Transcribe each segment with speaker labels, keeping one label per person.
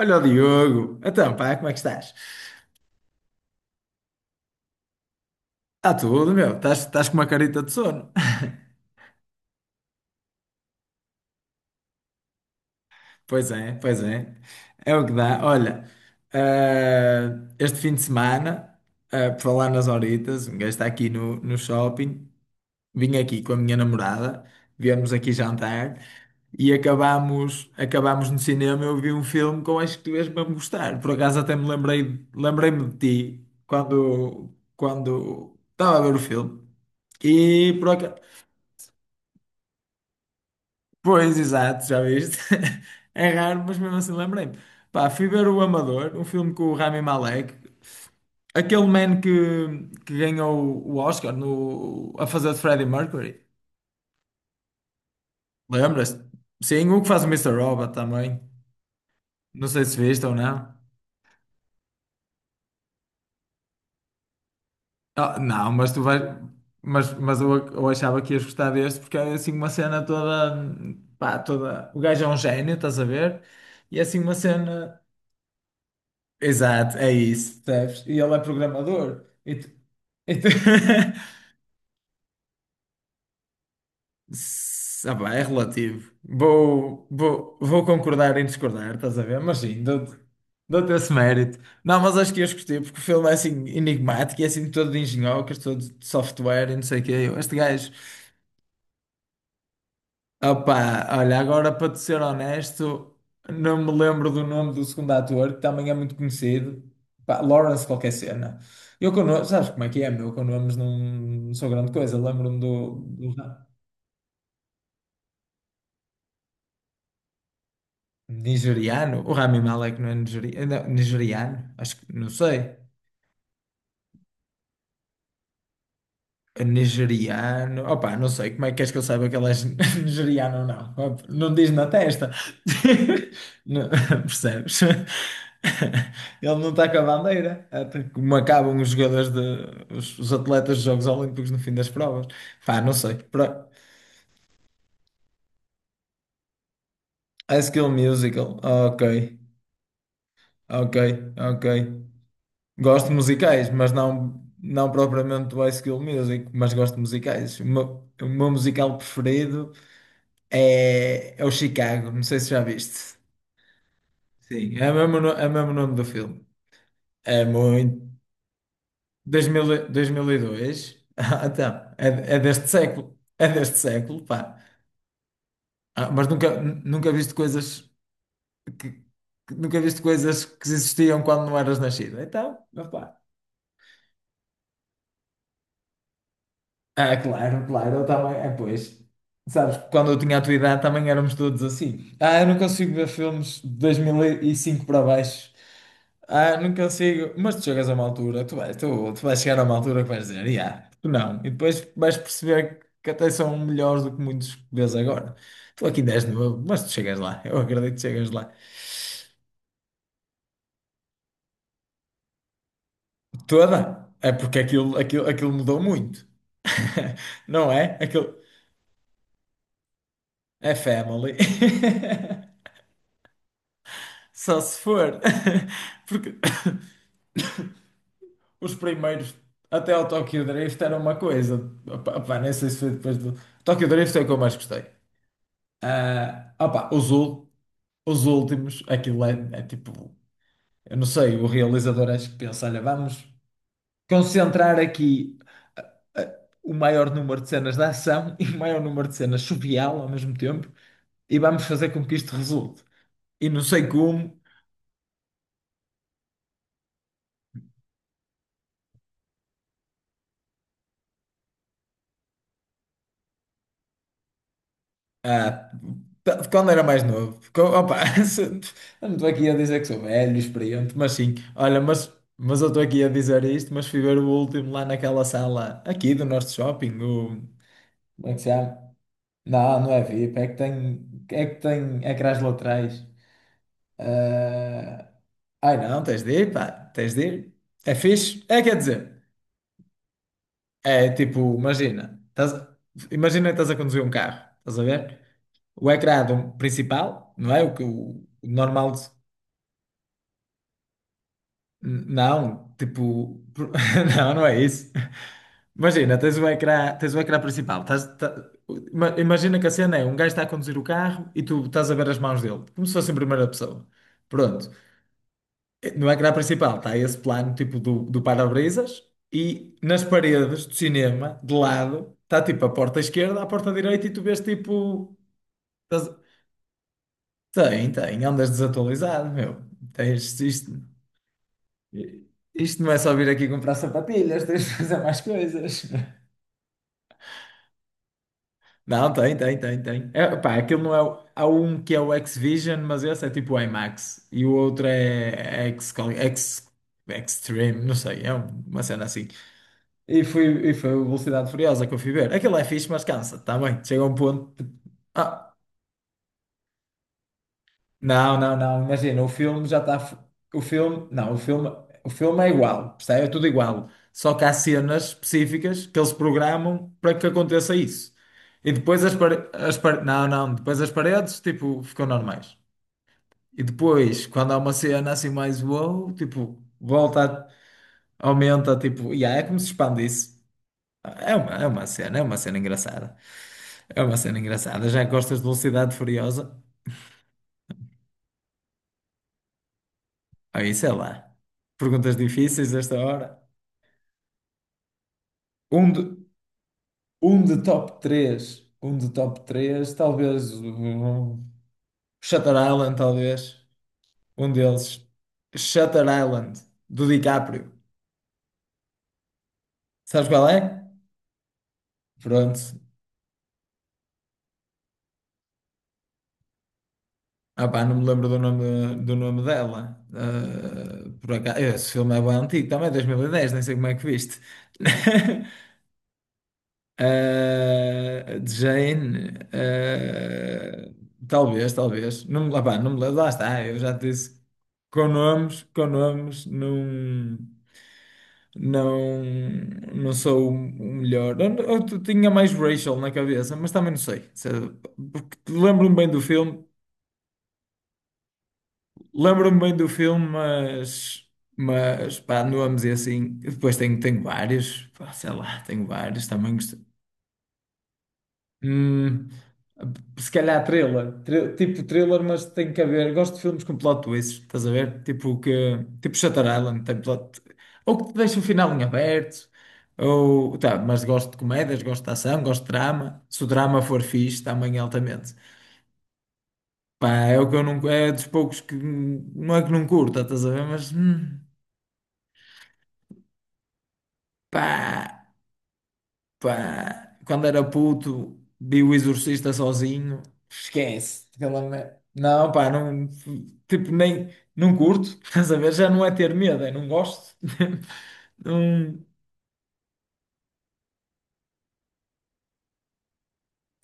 Speaker 1: Olha o Diogo. Então, pá, como é que estás? Está tudo, meu. Estás com uma carita de sono. Pois é, pois é. É o que dá. Olha, eh, este fim de semana, por falar nas horitas, um gajo está aqui no shopping. Vim aqui com a minha namorada, viemos aqui jantar e acabámos no cinema. Eu vi um filme que eu acho que tu ias mesmo gostar. Por acaso até me lembrei-me de ti quando estava a ver o filme. E por acaso. Pois, exato, já viste? É raro, mas mesmo assim lembrei-me. Pá, fui ver o Amador, um filme com o Rami Malek, aquele man que ganhou o Oscar no, a fazer de Freddie Mercury. Lembras-te? Sim, o que faz o Mister Robot também. Não sei se viste ou não. Ah, não, mas tu vais. Mas eu achava que ias gostar deste porque é assim uma cena toda. Pá, toda. O gajo é um gênio, estás a ver? E é assim uma cena. Exato, é isso, percebes? E ele é programador. E tu- pá, é relativo. Vou concordar em discordar, estás a ver? Mas sim, dou-te esse mérito. Não, mas acho que eu gostei, porque o filme é assim enigmático, e é assim todo de engenhocas, todo de software e não sei o quê. Eu, este gajo. Opa, olha, agora para te ser honesto, não me lembro do nome do segundo ator, que também é muito conhecido. Pá, Lawrence qualquer cena. Eu com nomes, sabes como é que é, meu? Eu com nomes não, não sou grande coisa. Lembro-me do nigeriano. O Rami Malek não é não, nigeriano? Acho que, não sei. Nigeriano. Opa, não sei como é que queres que eu saiba que ele é nigeriano ou não. Opa, não diz na testa. Não- percebes? Ele não está com a bandeira. Até como acabam os jogadores de, os atletas dos Jogos Olímpicos no fim das provas. Pá, não sei. Pro- High School Musical. Ok, ok, ok. Gosto de musicais, mas não propriamente do High School Music, mas gosto de musicais. O meu musical preferido. É o Chicago, não sei se já viste. Sim, é o mesmo, é o mesmo nome do filme. É muito. 2002. Ah, então, é deste século. É deste século, pá. Ah, mas nunca viste coisas que, nunca viste coisas que existiam quando não eras nascido. Então, opá. Ah, claro, claro, eu também. É, pois. Sabes, quando eu tinha a tua idade também éramos todos assim. Ah, eu não consigo ver filmes de 2005 para baixo. Ah, não consigo. Mas tu chegas a uma altura, tu vais chegar a uma altura que vais dizer, yeah, tu não. E depois vais perceber que até são melhores do que muitos que vês agora. Tu aqui ainda és novo, mas tu chegas lá. Eu acredito que chegas lá. Toda? É porque aquilo mudou muito. Não é? Aquilo é family. Só se for. Porque os primeiros, até ao Tokyo Drift, era uma coisa. Opa, nem sei se foi depois do. Tokyo Drift é o que eu mais gostei. Ah, opa, os últimos, aquilo é, é tipo, eu não sei, o realizador acho que pensa, olha, vamos concentrar aqui o maior número de cenas de ação e o maior número de cenas surreal ao mesmo tempo e vamos fazer com que isto resulte. E não sei como, ah, quando era mais novo, se- eu não estou aqui a dizer que sou velho, experiente, mas sim, olha, mas eu estou aqui a dizer isto, mas fui ver o último lá naquela sala aqui do nosso shopping, como é que se chama? Não, não é VIP, é que tem ecrãs laterais. Ah, ai não, tens de ir, pá, tens de ir. É fixe? É, quer dizer, é tipo, imagina, estás, imagina que estás a conduzir um carro, estás a ver? O ecrã do principal, não é? O normal. Não, tipo, não, não é isso. Imagina, tens o ecrã principal. Imagina que a cena é um gajo está a conduzir o carro e tu estás a ver as mãos dele, como se fosse em primeira pessoa. Pronto. No ecrã principal está esse plano tipo do para-brisas e nas paredes do cinema, de lado, está tipo a porta esquerda, a porta direita e tu vês tipo. estás- Tem, tem, andas desatualizado, meu. Tens isto. Isto não é só vir aqui comprar sapatilhas, tens de fazer mais coisas. Não, tem. É, pá, aquilo não é. Há um que é o X-Vision, mas esse é tipo o IMAX. E o outro é X, Extreme, não sei, é uma cena assim. E foi o Velocidade Furiosa que eu fui ver. Aquilo é fixe, mas cansa, está bem. Chega a um ponto. ah, Não, não. Imagina, o filme já está. O filme. Não, o filme é igual, percebe? É tudo igual. Só que há cenas específicas que eles programam para que aconteça isso. E depois as paredes. As pare- Não, não. Depois as paredes, tipo, ficam normais. E depois, quando há uma cena assim mais wow, tipo, volta, aumenta, tipo. E é como se expandisse. É uma cena engraçada. É uma cena engraçada. Já gostas de Velocidade Furiosa? Aí, sei lá. Perguntas difíceis esta hora. Um de, Um de top 3 talvez. Shutter Island, talvez. Um deles. Shutter Island, do DiCaprio. Sabes qual é? Pronto. Ah pá, não me lembro do nome dela. Ah, por acaso, esse filme é bem antigo, também 2010 nem sei como é que viste. Ah, de Jane, ah, talvez. Não, me- lá, pá, não, me- lá está, eu já te disse. Com nomes, não, não, não sou o melhor. Tinha mais Rachel na cabeça, mas também não sei. Porque lembro-me bem do filme, mas pá, nomes e assim. Depois tenho vários, pá, sei lá, tenho vários também. Hum, se calhar thriller, tipo thriller, mas tem que haver. Gosto de filmes com plot twists, estás a ver? Tipo Shutter Island, tem plot, ou que te deixa o final em aberto, ou tá, mas gosto de comédias, gosto de ação, gosto de drama. Se o drama for fixe, também é altamente. Pá, é o que eu não, é dos poucos que não é que não curta, estás a ver? Mas pá. Pá, quando era puto, vi o Exorcista sozinho. Esquece. Não, pá, não. Tipo, nem. Não curto. Estás a ver? Já não é ter medo, é não gosto. Não.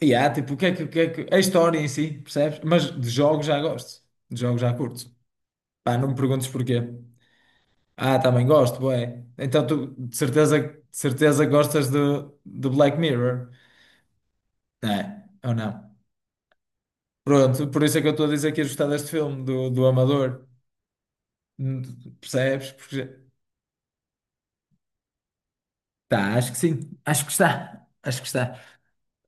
Speaker 1: E há, tipo, o que é que. A história em si, percebes? Mas de jogos já gosto. De jogos já curto. Pá, não me perguntes porquê. Ah, também gosto, bué. Então tu de certeza gostas de Black Mirror? Não é? Ou não? Pronto, por isso é que eu estou a dizer que ia gostar deste filme, do Amador. Hum, Percebes? Porque tá, acho que sim. Acho que está.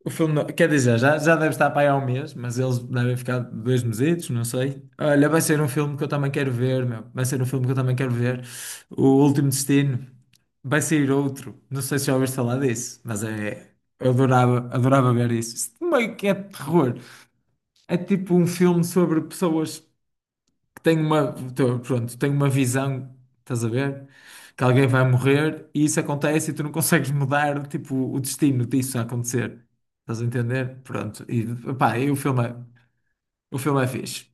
Speaker 1: O filme não... Quer dizer, já deve estar para aí há um mês, mas eles devem ficar dois mesitos, não sei. Olha, vai ser um filme que eu também quero ver, meu. Vai ser um filme que eu também quero ver. O Último Destino. Vai sair outro. Não sei se já ouviste falar disso, mas é. Eu adorava ver isso. Isso meio que é terror. É tipo um filme sobre pessoas. Tenho uma visão, estás a ver? Que alguém vai morrer e isso acontece e tu não consegues mudar, tipo, o destino disso a acontecer. Estás a entender? Pronto. E, pá, o filme é fixe.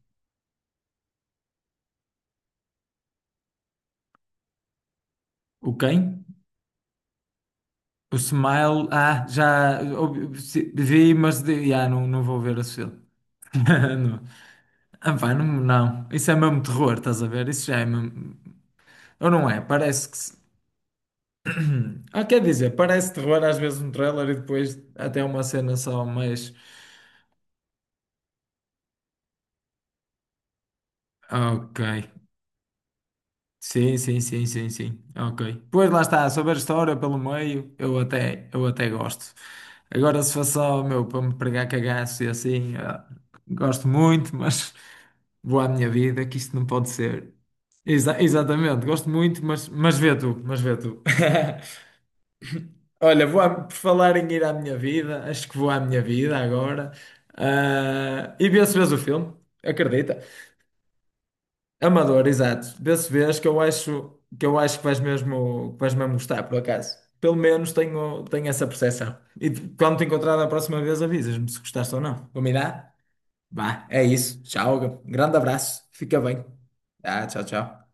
Speaker 1: O quem? O Smile, ah, já ouvi- se- vi, mas não, não vou ver esse filme. Não. Ah, pá, não, não. Isso é mesmo terror, estás a ver? Isso já é mesmo. Ou não é? Parece que. Ah, quer dizer, parece terror às vezes no trailer e depois até uma cena só mais. Ok. Sim, sim, sim, sim, sim. Ok. Pois lá está, sobre a história pelo meio, eu até gosto. Agora se for só, meu, para me pregar cagaço e assim, ah, gosto muito, mas vou à minha vida, que isto não pode ser. Exatamente, gosto muito, mas vê tu, mas vê tu. Olha, por falar em ir à minha vida, acho que vou à minha vida agora. Ah, e vê se vês o filme, acredita? Amador, exato. Desse vez que eu acho que eu acho que vais mesmo gostar, por acaso. Pelo menos tenho, tenho essa percepção. Quando te encontrar da próxima vez, avisas-me se gostaste ou não. Combinado? Vá, é isso. Tchau. Grande abraço. Fica bem. Ah, tchau, tchau.